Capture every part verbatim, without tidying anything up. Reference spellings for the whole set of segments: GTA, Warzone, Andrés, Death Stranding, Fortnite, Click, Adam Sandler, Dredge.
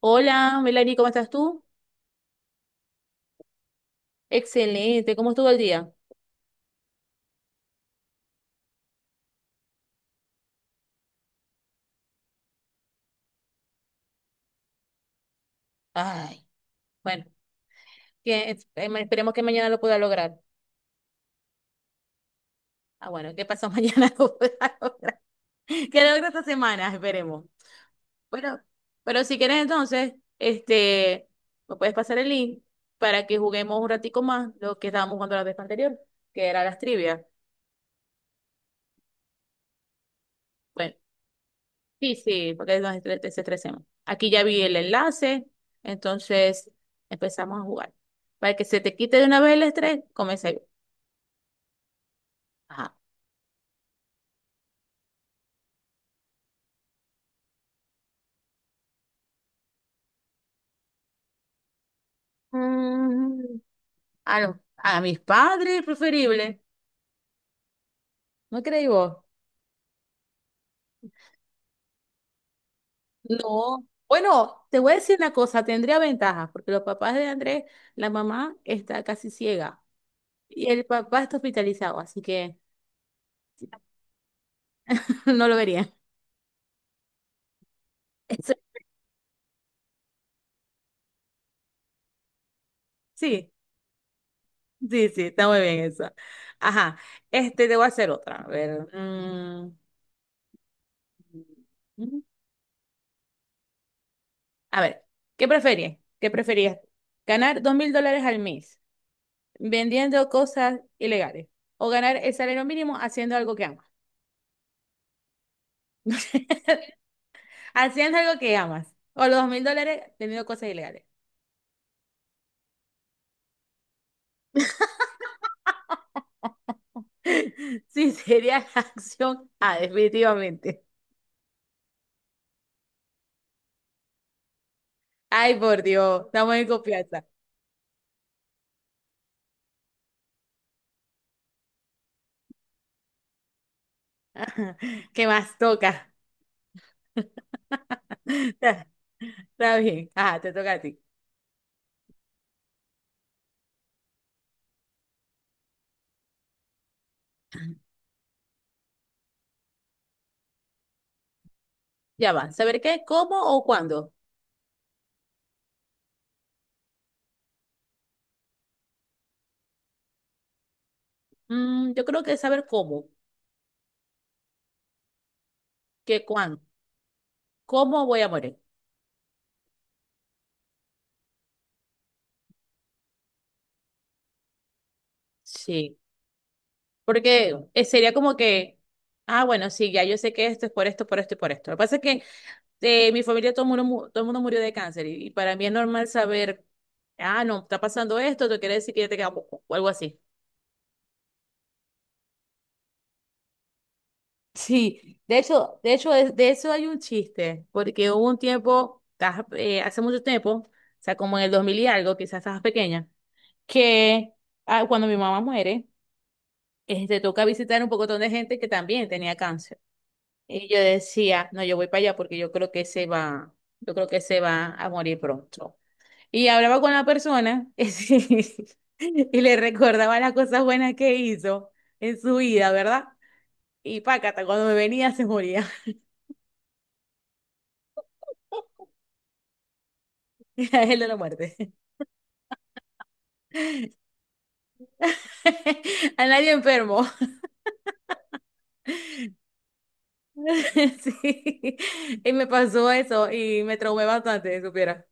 Hola, Melanie, ¿cómo estás tú? Excelente, ¿cómo estuvo el día? Ay, bueno, que, em, esperemos que mañana lo pueda lograr. Ah, bueno, ¿qué pasó mañana lo pueda lograr? Que logre esta semana, esperemos. Bueno, pero si quieres entonces, este, me puedes pasar el link para que juguemos un ratico más lo que estábamos jugando la vez anterior, que era las trivias. Bueno, sí, sí, porque es donde estre- se estresemos. Aquí ya vi el enlace, entonces empezamos a jugar. Para que se te quite de una vez el estrés, comencé yo. Ajá. Mm, a, los- a mis padres, preferible. ¿No creí vos? No. Bueno, te voy a decir una cosa, tendría ventajas, porque los papás de Andrés, la mamá está casi ciega y el papá está hospitalizado, así que no lo vería. Eso- Sí. Sí, sí, está muy bien eso. Ajá, este te voy a hacer otra. A ver. mm, mm, a ver, ¿qué preferías? ¿Qué preferías? ¿Ganar dos mil dólares al mes vendiendo cosas ilegales? ¿O ganar el salario mínimo haciendo algo que amas? Haciendo algo que amas. O los dos mil dólares teniendo cosas ilegales. Sí, sería la acción A, definitivamente. Ay, por Dios, estamos en confianza. ¿Qué más toca? Está está bien. Ajá, te toca a ti. Ya va. ¿Saber qué, cómo o cuándo? Mm, yo creo que saber cómo, que cuándo, cómo voy a morir. Sí, porque eh, sería como que, ah, bueno, sí, ya yo sé que esto es por esto, por esto y por esto. Lo que pasa es que de mi familia todo el mundo, mu- todo el mundo murió de cáncer y, y para mí es normal saber, ah, no, está pasando esto, te quiere decir que ya te queda poco o algo así. Sí, de hecho, de hecho, es- de eso hay un chiste, porque hubo un tiempo, estás, eh, hace mucho tiempo, o sea, como en el dos mil y algo, quizás estabas pequeña. que ah, Cuando mi mamá muere, eh, te toca visitar un pocotón de gente que también tenía cáncer. Y yo decía, no, yo voy para allá porque yo creo que se va, yo creo que se va a morir pronto. Y hablaba con la persona y le recordaba las cosas buenas que hizo en su vida, ¿verdad? Y pácata, cuando me venía se moría. Era el de la muerte. A nadie enfermo. Sí. Y me pasó eso y me traumé bastante, si supiera.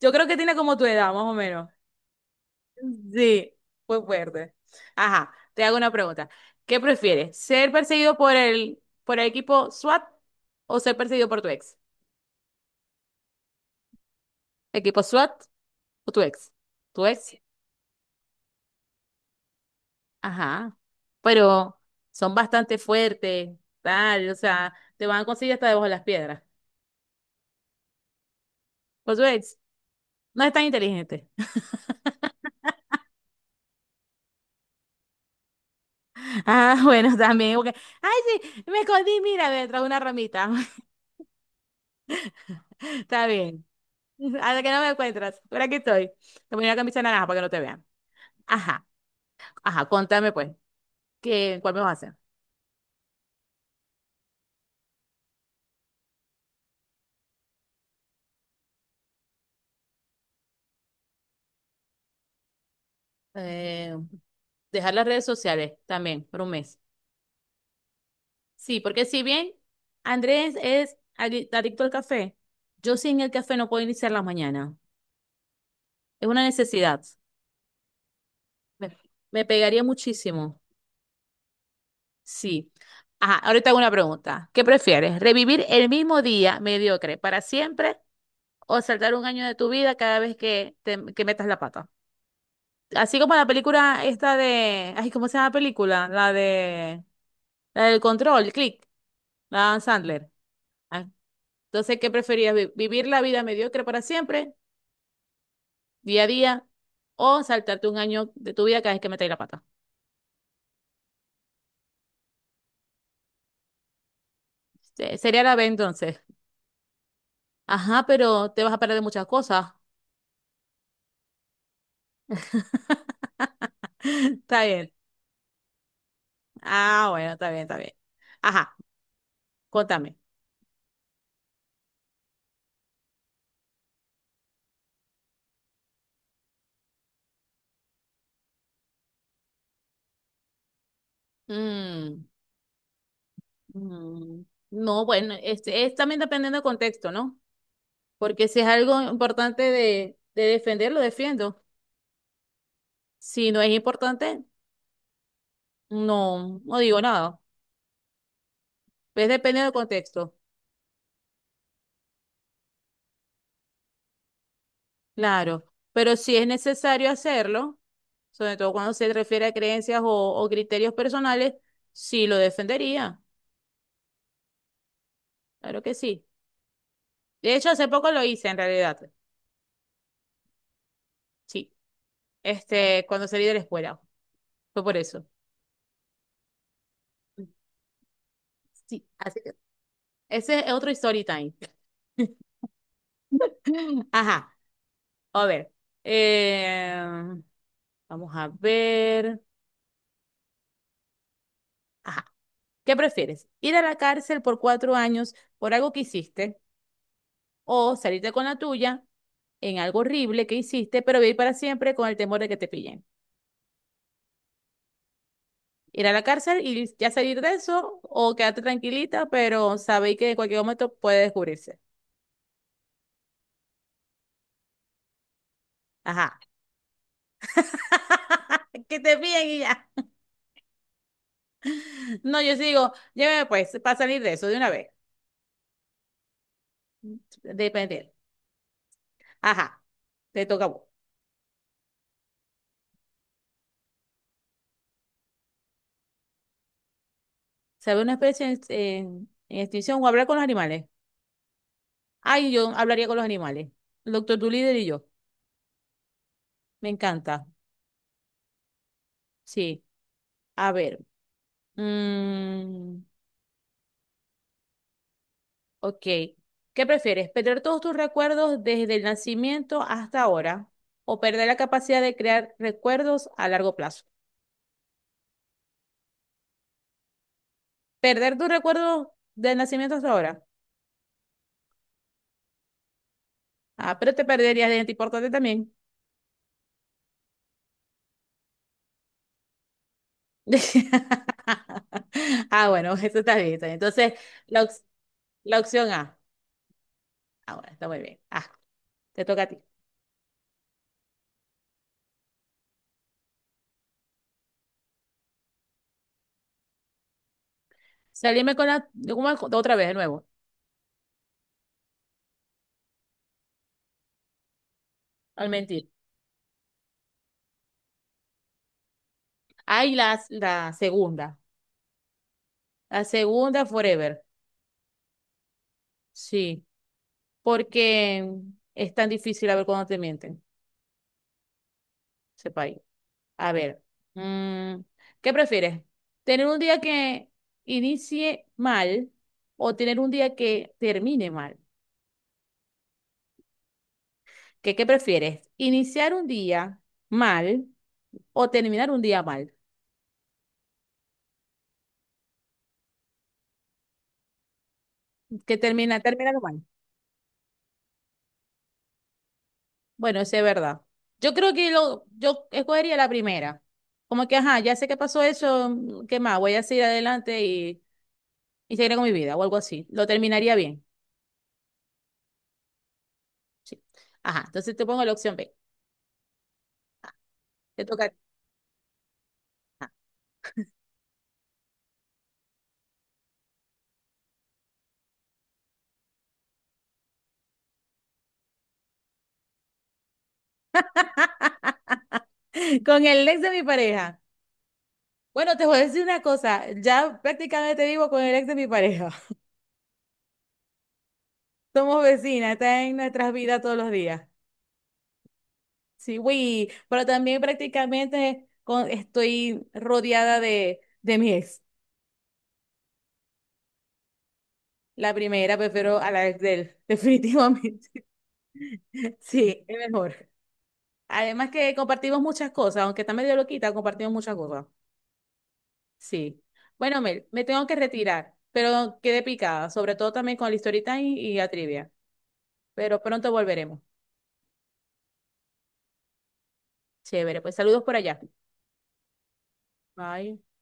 Yo creo que tiene como tu edad, más o menos. Sí, pues verde. Ajá, te hago una pregunta. ¿Qué prefieres? ¿Ser perseguido por el, por el equipo SWAT o ser perseguido por tu ex? ¿Equipo SWAT o tu ex? ¿Tu ex? Ajá. Pero son bastante fuertes, tal, o sea, te van a conseguir hasta debajo de las piedras. Por tu ex, no es tan inteligente. Ah, bueno, también. porque, Ay, sí, me escondí, mira, detrás de una ramita. Está bien. Hasta que no me encuentras. Por aquí estoy. Te pongo una camisa naranja para que no te vean. Ajá. Ajá, contame pues, ¿qué, cuál me vas a hacer? Eh, Dejar las redes sociales también por un mes. Sí, porque si bien Andrés es adic- adicto al café, yo sin el café no puedo iniciar la mañana. Es una necesidad. Me, me pegaría muchísimo. Sí. Ajá, ahorita hago una pregunta. ¿Qué prefieres? ¿Revivir el mismo día mediocre para siempre o saltar un año de tu vida cada vez que, te- que metas la pata? Así como la película esta de... Ay, ¿cómo se llama la película? La de... La del control, click, la de Adam Sandler. Ah, entonces, ¿qué preferías? vi- ¿Vivir la vida mediocre para siempre, día a día, o saltarte un año de tu vida cada vez que metáis la pata? Se- Sería la B entonces. Ajá, pero te vas a perder de muchas cosas. Está bien. Ah, bueno, está bien, está bien. Ajá, contame. Mm, mm, no, bueno, este, es también dependiendo del contexto, ¿no? Porque si es algo importante de, de defender, lo defiendo. Si no es importante, no, no digo nada. Es depende del contexto, claro. Pero si es necesario hacerlo, sobre todo cuando se refiere a creencias o, o criterios personales, sí lo defendería. Claro que sí. De hecho, hace poco lo hice en realidad. Sí. Este, cuando salí de la escuela. Fue por eso. Sí. Así que ese es otro story time. Ajá. A ver. Eh, Vamos a ver. Ajá. ¿Qué prefieres? ¿Ir a la cárcel por cuatro años por algo que hiciste o salirte con la tuya, en algo horrible que hiciste, pero vivir para siempre con el temor de que te pillen? ¿Ir a la cárcel y ya salir de eso, o quedarte tranquilita, pero sabéis que en cualquier momento puede descubrirse? Ajá. Que te pillen y ya. No, yo sí digo, lléveme pues, para salir de eso de una vez. Depende. Ajá. Te toca a vos. ¿Sabe una especie en, en- en extinción o hablar con los animales? Ay, yo hablaría con los animales. El doctor líder y yo. Me encanta. Sí. A ver. Mm, ok. ¿Qué prefieres? ¿Perder todos tus recuerdos desde el nacimiento hasta ahora? ¿O perder la capacidad de crear recuerdos a largo plazo? ¿Perder tus recuerdos del nacimiento hasta ahora? Ah, pero te perderías de gente importante también. Ah, bueno, eso está bien. Está bien. Entonces, la, ops- la opción A. Ah, bueno, está muy bien. Ah, te toca a ti. Salirme con la... ¿Cómo es? Otra vez, de nuevo. Al mentir. Ay, la, la segunda. La segunda forever. Sí. Porque es tan difícil a ver cuando te mienten, sepa ahí. A ver, mm, ¿qué prefieres? ¿Tener un día que inicie mal o tener un día que termine mal? ¿Qué, qué prefieres? ¿Iniciar un día mal o terminar un día mal? Que termina, terminar mal. Bueno, eso es verdad. Yo creo que lo, yo escogería la primera. Como que, ajá, ya sé que pasó eso, mm, ¿qué más? Voy a seguir adelante y, y seguiré con mi vida o algo así. Lo terminaría bien. Sí. Ajá, entonces te pongo la opción B. Ah, te toca a ti. Ajá. Con el ex de mi pareja. Bueno, te voy a decir una cosa, ya prácticamente vivo con el ex de mi pareja. Somos vecinas, está en nuestras vidas todos los días. Sí, güey, pero también prácticamente con- estoy rodeada de, de mi ex. La primera prefiero a la ex de él, definitivamente. Sí, es mejor. Además que compartimos muchas cosas, aunque está medio loquita, compartimos muchas cosas. Sí. Bueno, Mel, me tengo que retirar, pero quedé picada, sobre todo también con la historita y, y la trivia. Pero pronto volveremos. Chévere, pues saludos por allá. Bye.